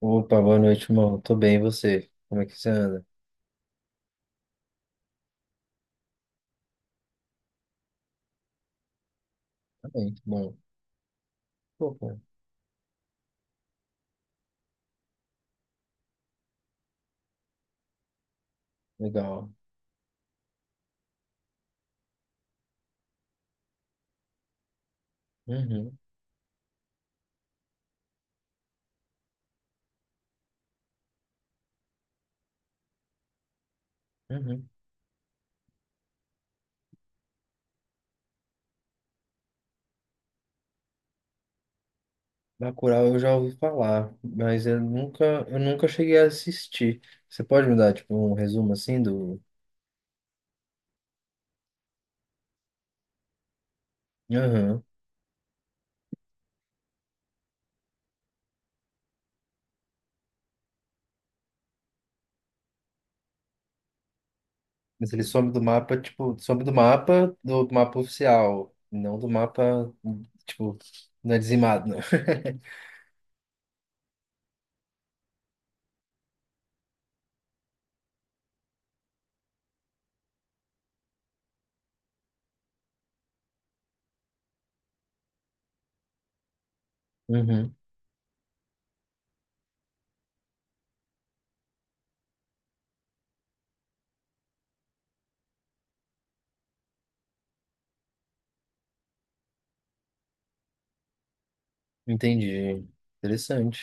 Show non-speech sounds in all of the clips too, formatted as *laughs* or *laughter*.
Opa, boa noite, irmão. Tô bem, e você? Como é que você anda? Tá bem, tá bom. Pô, legal. Uhum, uhum. Bacurau eu já ouvi falar, mas eu nunca cheguei a assistir. Você pode me dar, tipo, um resumo, assim, do... Aham. Mas ele some do mapa, tipo, some do mapa oficial, não do mapa, tipo, não é dizimado, não. *laughs* Uhum, entendi. Interessante.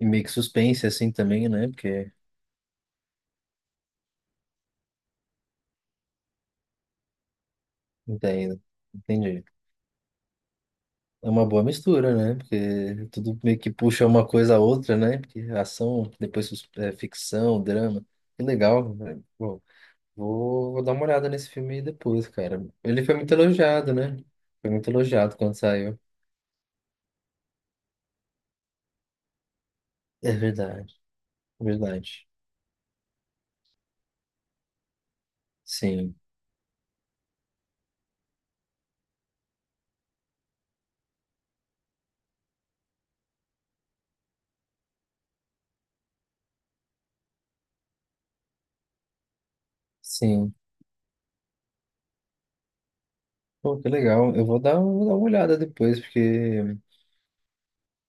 E meio que suspense, assim, também, né? Porque... Entendo. Entendi. É uma boa mistura, né? Porque tudo meio que puxa uma coisa a outra, né? Porque ação, depois ficção, drama. Que legal, né? Bom, vou dar uma olhada nesse filme aí depois, cara. Ele foi muito elogiado, né? Foi muito elogiado quando saiu. É verdade, verdade. Sim, sim. Pô, que legal. Eu vou dar uma olhada depois, porque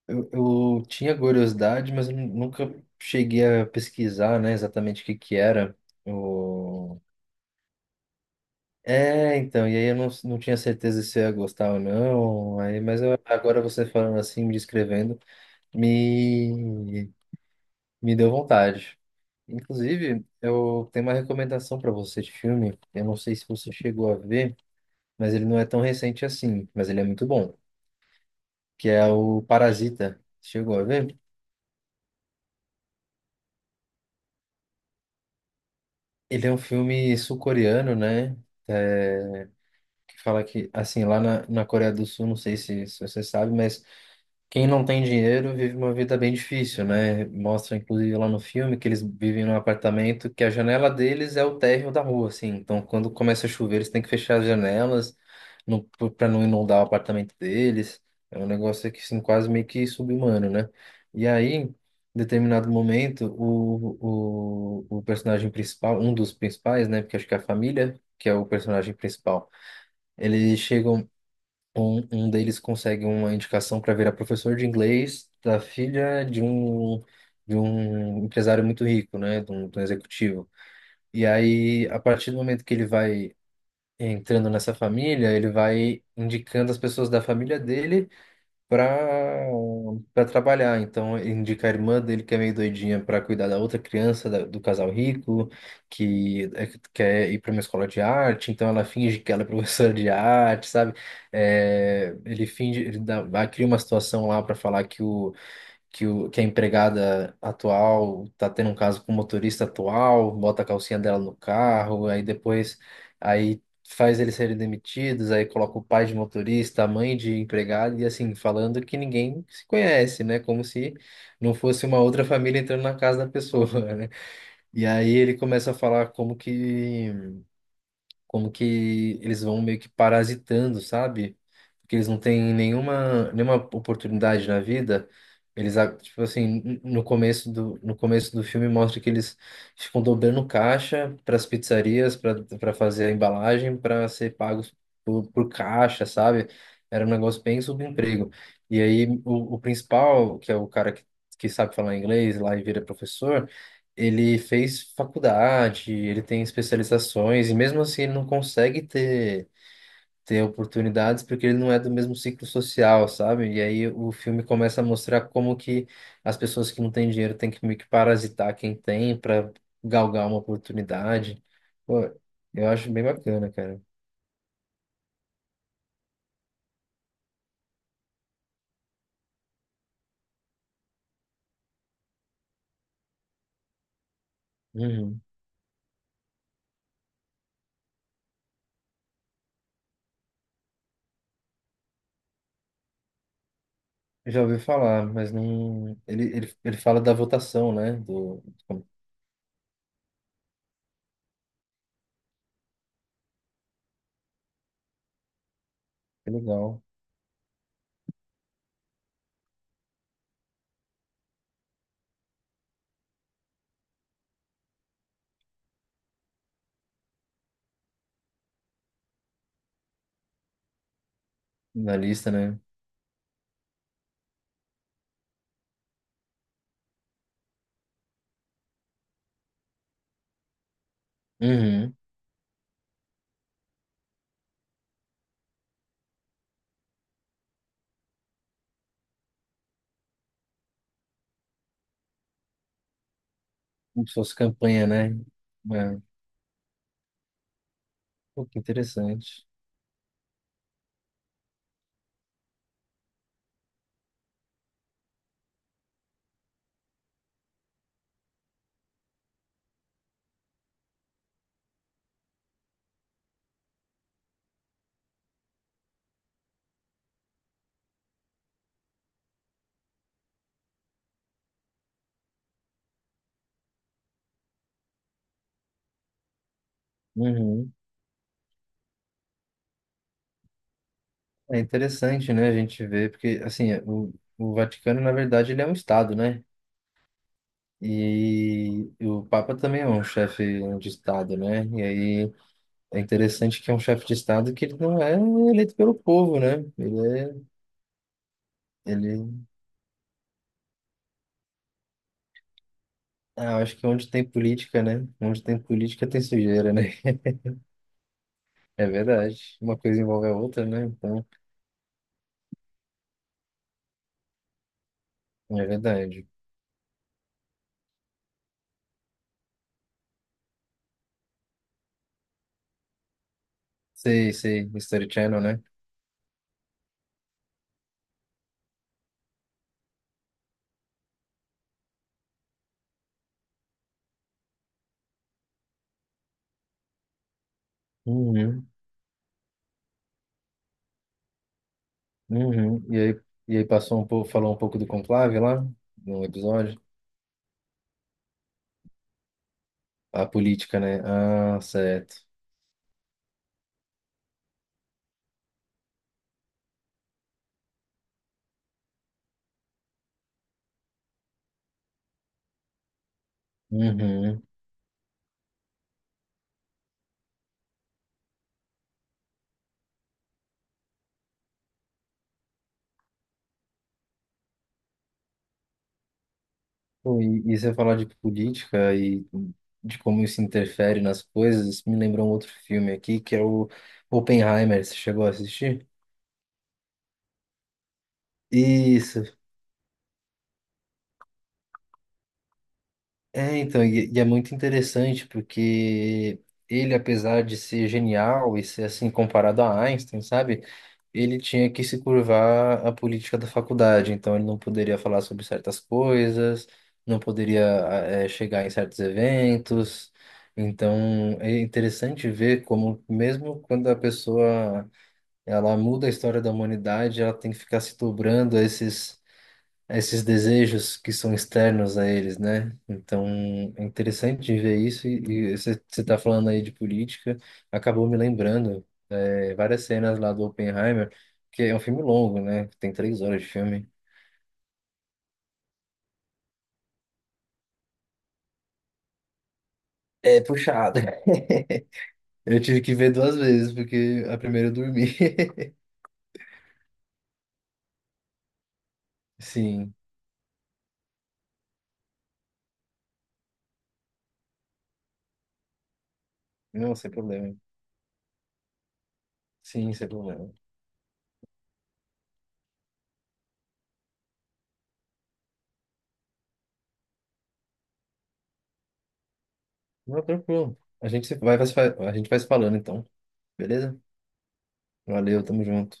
eu tinha curiosidade, mas nunca cheguei a pesquisar, né, exatamente o que que era. É, então, e aí eu não tinha certeza se eu ia gostar ou não, aí, agora você falando assim, me descrevendo, me, me deu vontade. Inclusive, eu tenho uma recomendação para você de filme, eu não sei se você chegou a ver, mas ele não é tão recente assim, mas ele é muito bom, que é o Parasita. Chegou a ver? Ele é um filme sul-coreano, né? É, que fala que, assim, lá na Coreia do Sul, não sei se você sabe, mas quem não tem dinheiro vive uma vida bem difícil, né? Mostra, inclusive, lá no filme que eles vivem num apartamento que a janela deles é o térreo da rua, assim. Então, quando começa a chover, eles têm que fechar as janelas para não inundar o apartamento deles. É um negócio que, assim, quase meio que sub-humano, né? E aí, em determinado momento, o personagem principal, um dos principais, né? Porque acho que é a família que é o personagem principal. Eles chegam um deles consegue uma indicação para virar professor de inglês da filha de um empresário muito rico, né? De um executivo. E aí, a partir do momento que ele vai entrando nessa família, ele vai indicando as pessoas da família dele para para trabalhar. Então, ele indica a irmã dele, que é meio doidinha, para cuidar da outra criança do casal rico, que quer ir para uma escola de arte, então ela finge que ela é *laughs* professora de arte, sabe? É, ele finge, ele dá, cria uma situação lá para falar que a empregada atual tá tendo um caso com o motorista atual, bota a calcinha dela no carro, aí depois aí faz eles serem demitidos, aí coloca o pai de motorista, a mãe de empregado, e assim, falando que ninguém se conhece, né? Como se não fosse uma outra família entrando na casa da pessoa, *laughs* né? E aí ele começa a falar como que eles vão meio que parasitando, sabe? Porque eles não têm nenhuma oportunidade na vida. Eles, ah, tipo assim, no começo do filme mostra que eles ficam dobrando caixa para as pizzarias, para fazer a embalagem, para ser pagos por caixa, sabe? Era um negócio bem subemprego. E aí o principal, que é o cara que sabe falar inglês lá e vira professor, ele fez faculdade, ele tem especializações, e mesmo assim ele não consegue ter oportunidades porque ele não é do mesmo ciclo social, sabe? E aí o filme começa a mostrar como que as pessoas que não têm dinheiro têm que meio que parasitar quem tem para galgar uma oportunidade. Pô, eu acho bem bacana, cara. Uhum. Já ouvi falar, mas não. Ele fala da votação, né? Do... Que é legal. Na lista, né? Uhum. Como se fosse campanha, né? É. Pô, que interessante. Uhum. É interessante, né, a gente ver, porque, assim, o Vaticano, na verdade, ele é um Estado, né? E o Papa também é um chefe de Estado, né? E aí é interessante que é um chefe de Estado que ele não é eleito pelo povo, né? Ele é, ele... Ah, eu acho que onde tem política, né? Onde tem política tem sujeira, né? *laughs* É verdade. Uma coisa envolve a outra, né? Então, é verdade. Sei, sei, History Channel, né? Uhum. Uhum. E aí passou um pouco, falou um pouco do conclave lá no episódio. A política, né? Ah, certo. Uhum. Pô, e você falar de política e de como isso interfere nas coisas, isso me lembrou um outro filme aqui, que é o Oppenheimer. Você chegou a assistir? Isso. É, então, e é muito interessante porque ele, apesar de ser genial e ser assim comparado a Einstein, sabe? Ele tinha que se curvar à política da faculdade, então ele não poderia falar sobre certas coisas, não poderia chegar em certos eventos. Então é interessante ver como mesmo quando a pessoa ela muda a história da humanidade, ela tem que ficar se dobrando a esses desejos que são externos a eles, né? Então, é interessante de ver isso. E você tá falando aí de política, acabou me lembrando várias cenas lá do Oppenheimer, que é um filme longo, né? Tem 3 horas de filme. É puxado. *laughs* Eu tive que ver 2 vezes, porque a primeira eu dormi. *laughs* Sim, não, sem problema. Sim, sem problema. Não, tranquilo. A gente se- vai, vai se fa- a gente vai se falando, então. Beleza? Valeu, tamo junto.